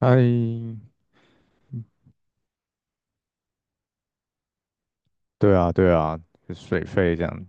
哎，对啊，对啊，就水费这样。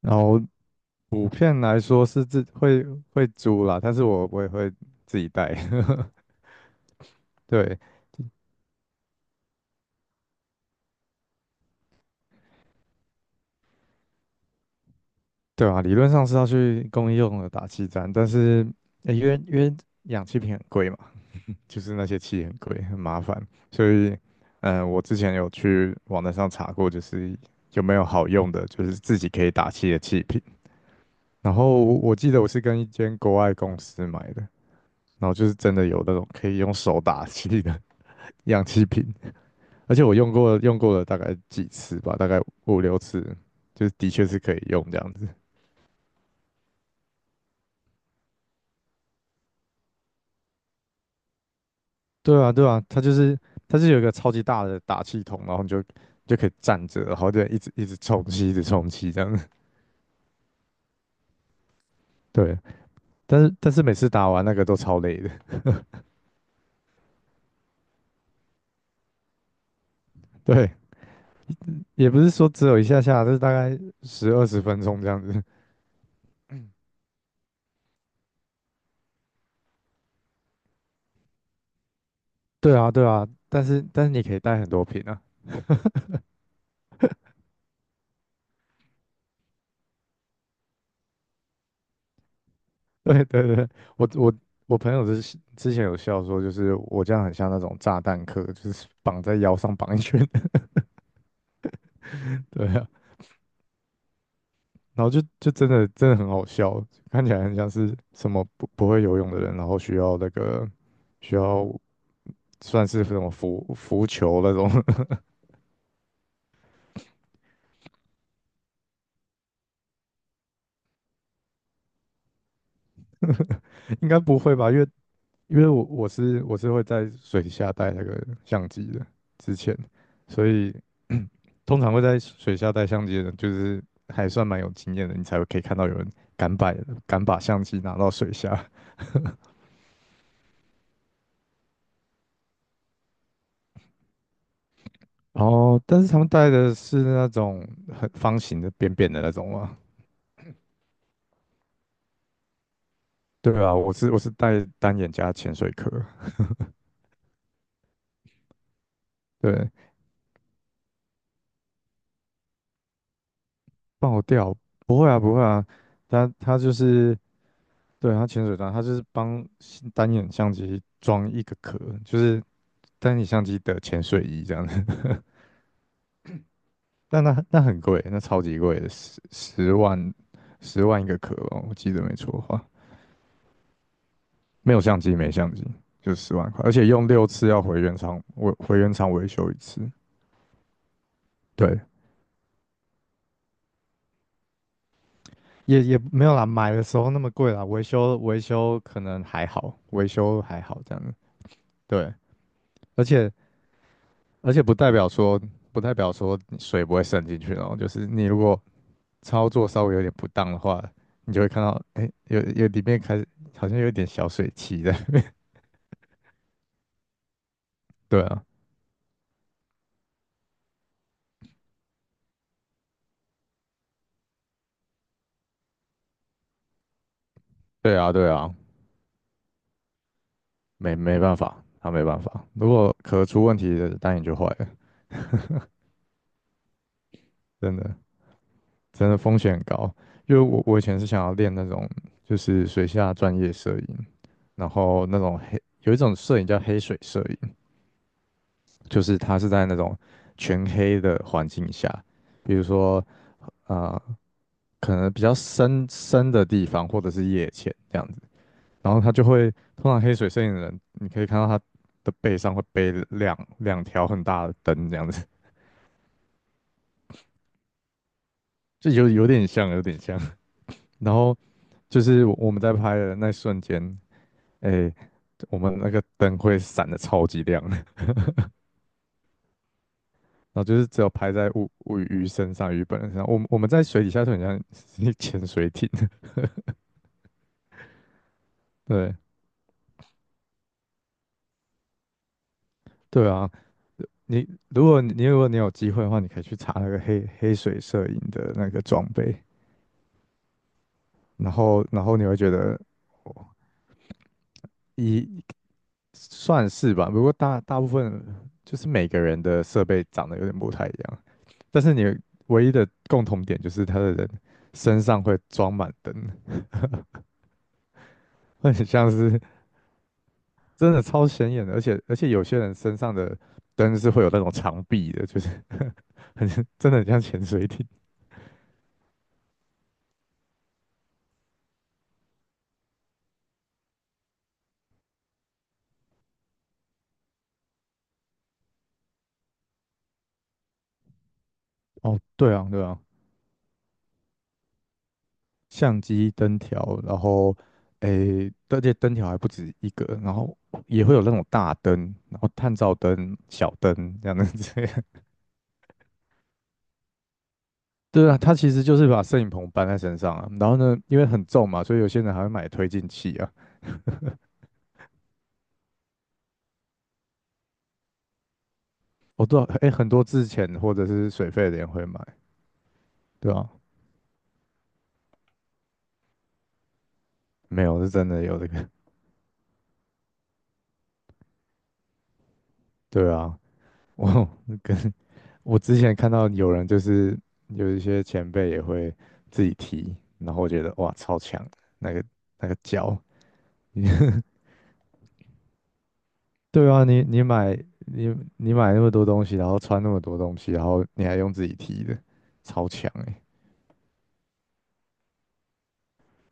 然后补片来说是自会租啦，但是我也会自己带。对，对啊，理论上是要去公益用的打气站，但是、因为氧气瓶很贵嘛，就是那些气很贵，很麻烦，所以我之前有去网站上查过，就是有没有好用的，就是自己可以打气的气瓶。然后我记得我是跟一间国外公司买的。然后就是真的有那种可以用手打气的 氧气瓶，而且我用过了大概几次吧，大概5、6次，就是的确是可以用这样子。对啊，对啊，它是有一个超级大的打气筒，然后你就可以站着，然后就一直一直充气，一直充气这样子。对，但是每次打完那个都超累的。对，也不是说只有一下下，就是大概十二十分钟这样子。对啊，对啊，但是你可以带很多瓶啊。对对对，我我我朋友之前有笑说，就是我这样很像那种炸弹客，就是绑在腰上绑一圈的 对啊，然后就真的真的很好笑，看起来很像是什么不会游泳的人，然后需要那个需要算是什么浮球那种，应该不会吧？因为我是会在水下带那个相机的，之前，所以通常会在水下带相机的人，就是还算蛮有经验的，你才会可以看到有人敢摆，敢把相机拿到水下。然后，但是他们带的是那种很方形的、扁扁的那种吗？对啊，我是带单眼加潜水壳。对啊，爆掉不会啊，不会啊，他就是对他潜水装，他就是帮单眼相机装一个壳，就是单眼相机的潜水衣这样。但那很贵，那超级贵的，十万一个壳哦，我记得没错的话，没有相机没相机，就10万块，而且用六次要回原厂维修一次，对，也也没有啦，买的时候那么贵啦，维修可能还好，维修还好这样子，对，而且而且不代表说你水不会渗进去哦，就是你如果操作稍微有点不当的话，你就会看到，哎，有里面开始好像有一点小水汽在那边，对啊。对啊，对啊，没办法，他没办法。如果壳出问题的，单眼就坏了，真的真的风险很高。因为我以前是想要练那种就是水下专业摄影，然后那种黑有一种摄影叫黑水摄影，就是它是在那种全黑的环境下，比如说啊、呃可能比较深的地方或者是夜潜这样子。然后他就会，通常黑水摄影的人，你可以看到他的背上会背两条很大的灯，这样子，就有点像，有点像。然后就是我们在拍的那瞬间，哎，我们那个灯会闪的超级亮，然后就是只有拍在鱼身上、鱼本人身上。我们在水底下就很像一潜水艇，对，对啊。你如果你有机会的话，你可以去查那个黑水摄影的那个装备，然后你会觉得。一算是吧，不过大部分就是每个人的设备长得有点不太一样，但是你唯一的共同点就是他的人身上会装满灯，会很像是。真的超显眼的，而且有些人身上的灯是会有那种长臂的，就是 很真的很像潜水艇。哦，对啊，对啊，相机、灯条，然后诶，而且灯条还不止一个，然后也会有那种大灯，然后探照灯、小灯这样的子。对啊，他其实就是把摄影棚搬在身上啊，然后呢，因为很重嘛，所以有些人还会买推进器啊。我多少，哎，很多之前或者是水费的人会买，对啊，没有是真的有这个，对啊，我跟我之前看到有人就是有一些前辈也会自己提，然后我觉得哇，超强，那个那个脚，对啊，你买那么多东西，然后穿那么多东西，然后你还用自己提的，超强哎、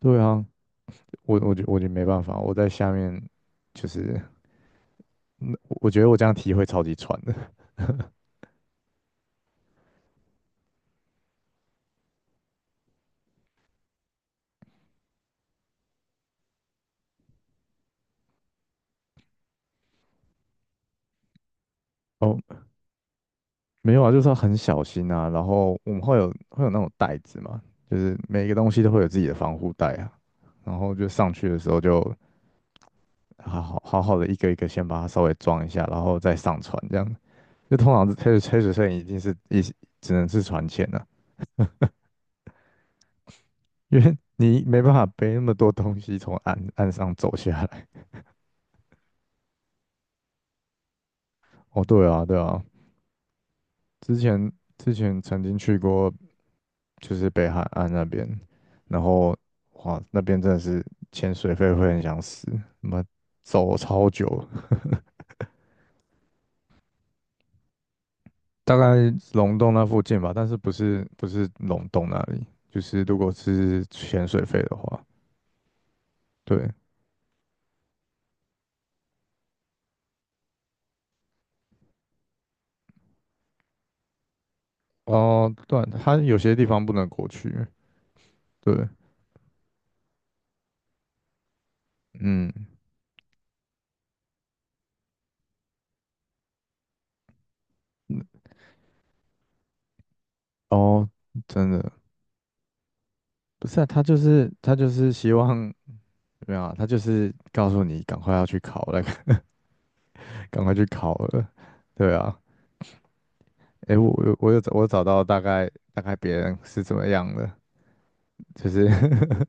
对啊，我觉得没办法，我在下面就是，嗯我觉得我这样踢会超级喘的。哦，没有啊，就是要很小心啊。然后我们会有那种袋子嘛，就是每一个东西都会有自己的防护袋啊。然后就上去的时候就好好的一个一个先把它稍微装一下，然后再上船这样。就通常是黑水摄影一定是只能是船前了、啊因为你没办法背那么多东西从岸上走下来。哦，对啊，对啊，之前之前曾经去过，就是北海岸那边，然后哇，那边真的是潜水费会很想死，那么走超久，大概龙洞那附近吧，但是不是龙洞那里，就是如果是潜水费的话，对，哦，对，它有些地方不能过去，对，嗯，嗯，哦，真的不是啊，他就是希望。没有啊，他就是告诉你赶快要去考那个，赶快去考了。对啊，诶，我找到大概别人是怎么样的，就是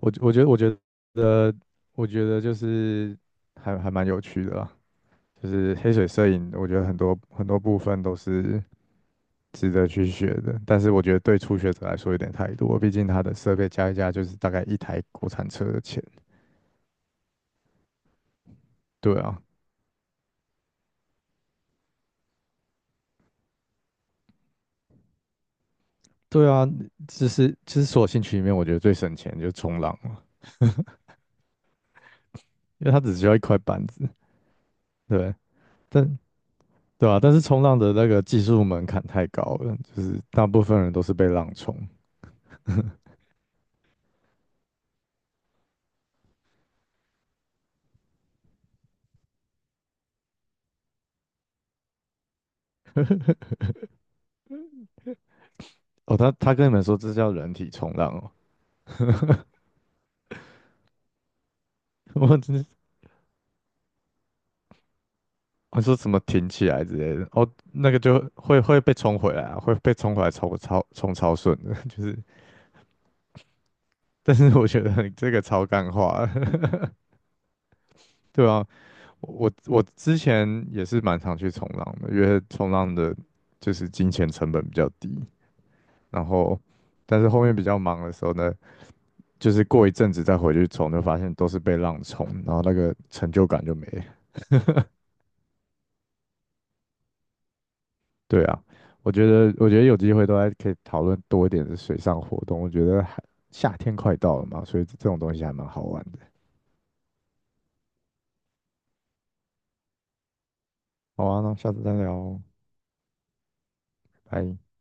我我觉得我觉得我觉得就是还蛮有趣的啦，就是黑水摄影，我觉得很多很多部分都是值得去学的，但是我觉得对初学者来说有点太多，毕竟它的设备加一加就是大概一台国产车的钱。对啊，对啊，就是就是所有兴趣里面，我觉得最省钱就是冲浪嘛，因为它只需要一块板子。对，但对啊，但是冲浪的那个技术门槛太高了，就是大部分人都是被浪冲。哦，他跟你们说这叫人体冲浪哦，我真是我说什么挺起来之类的，哦，那个就会被冲回来啊，会被冲回来冲超顺的，就是，但是我觉得你这个超干话，对啊，我之前也是蛮常去冲浪的，因为冲浪的就是金钱成本比较低，然后但是后面比较忙的时候呢，就是过一阵子再回去冲，就发现都是被浪冲，然后那个成就感就没了。对啊，我觉得有机会都还可以讨论多一点的水上活动。我觉得还夏天快到了嘛，所以这种东西还蛮好玩的。好啊，那下次再聊哦，拜。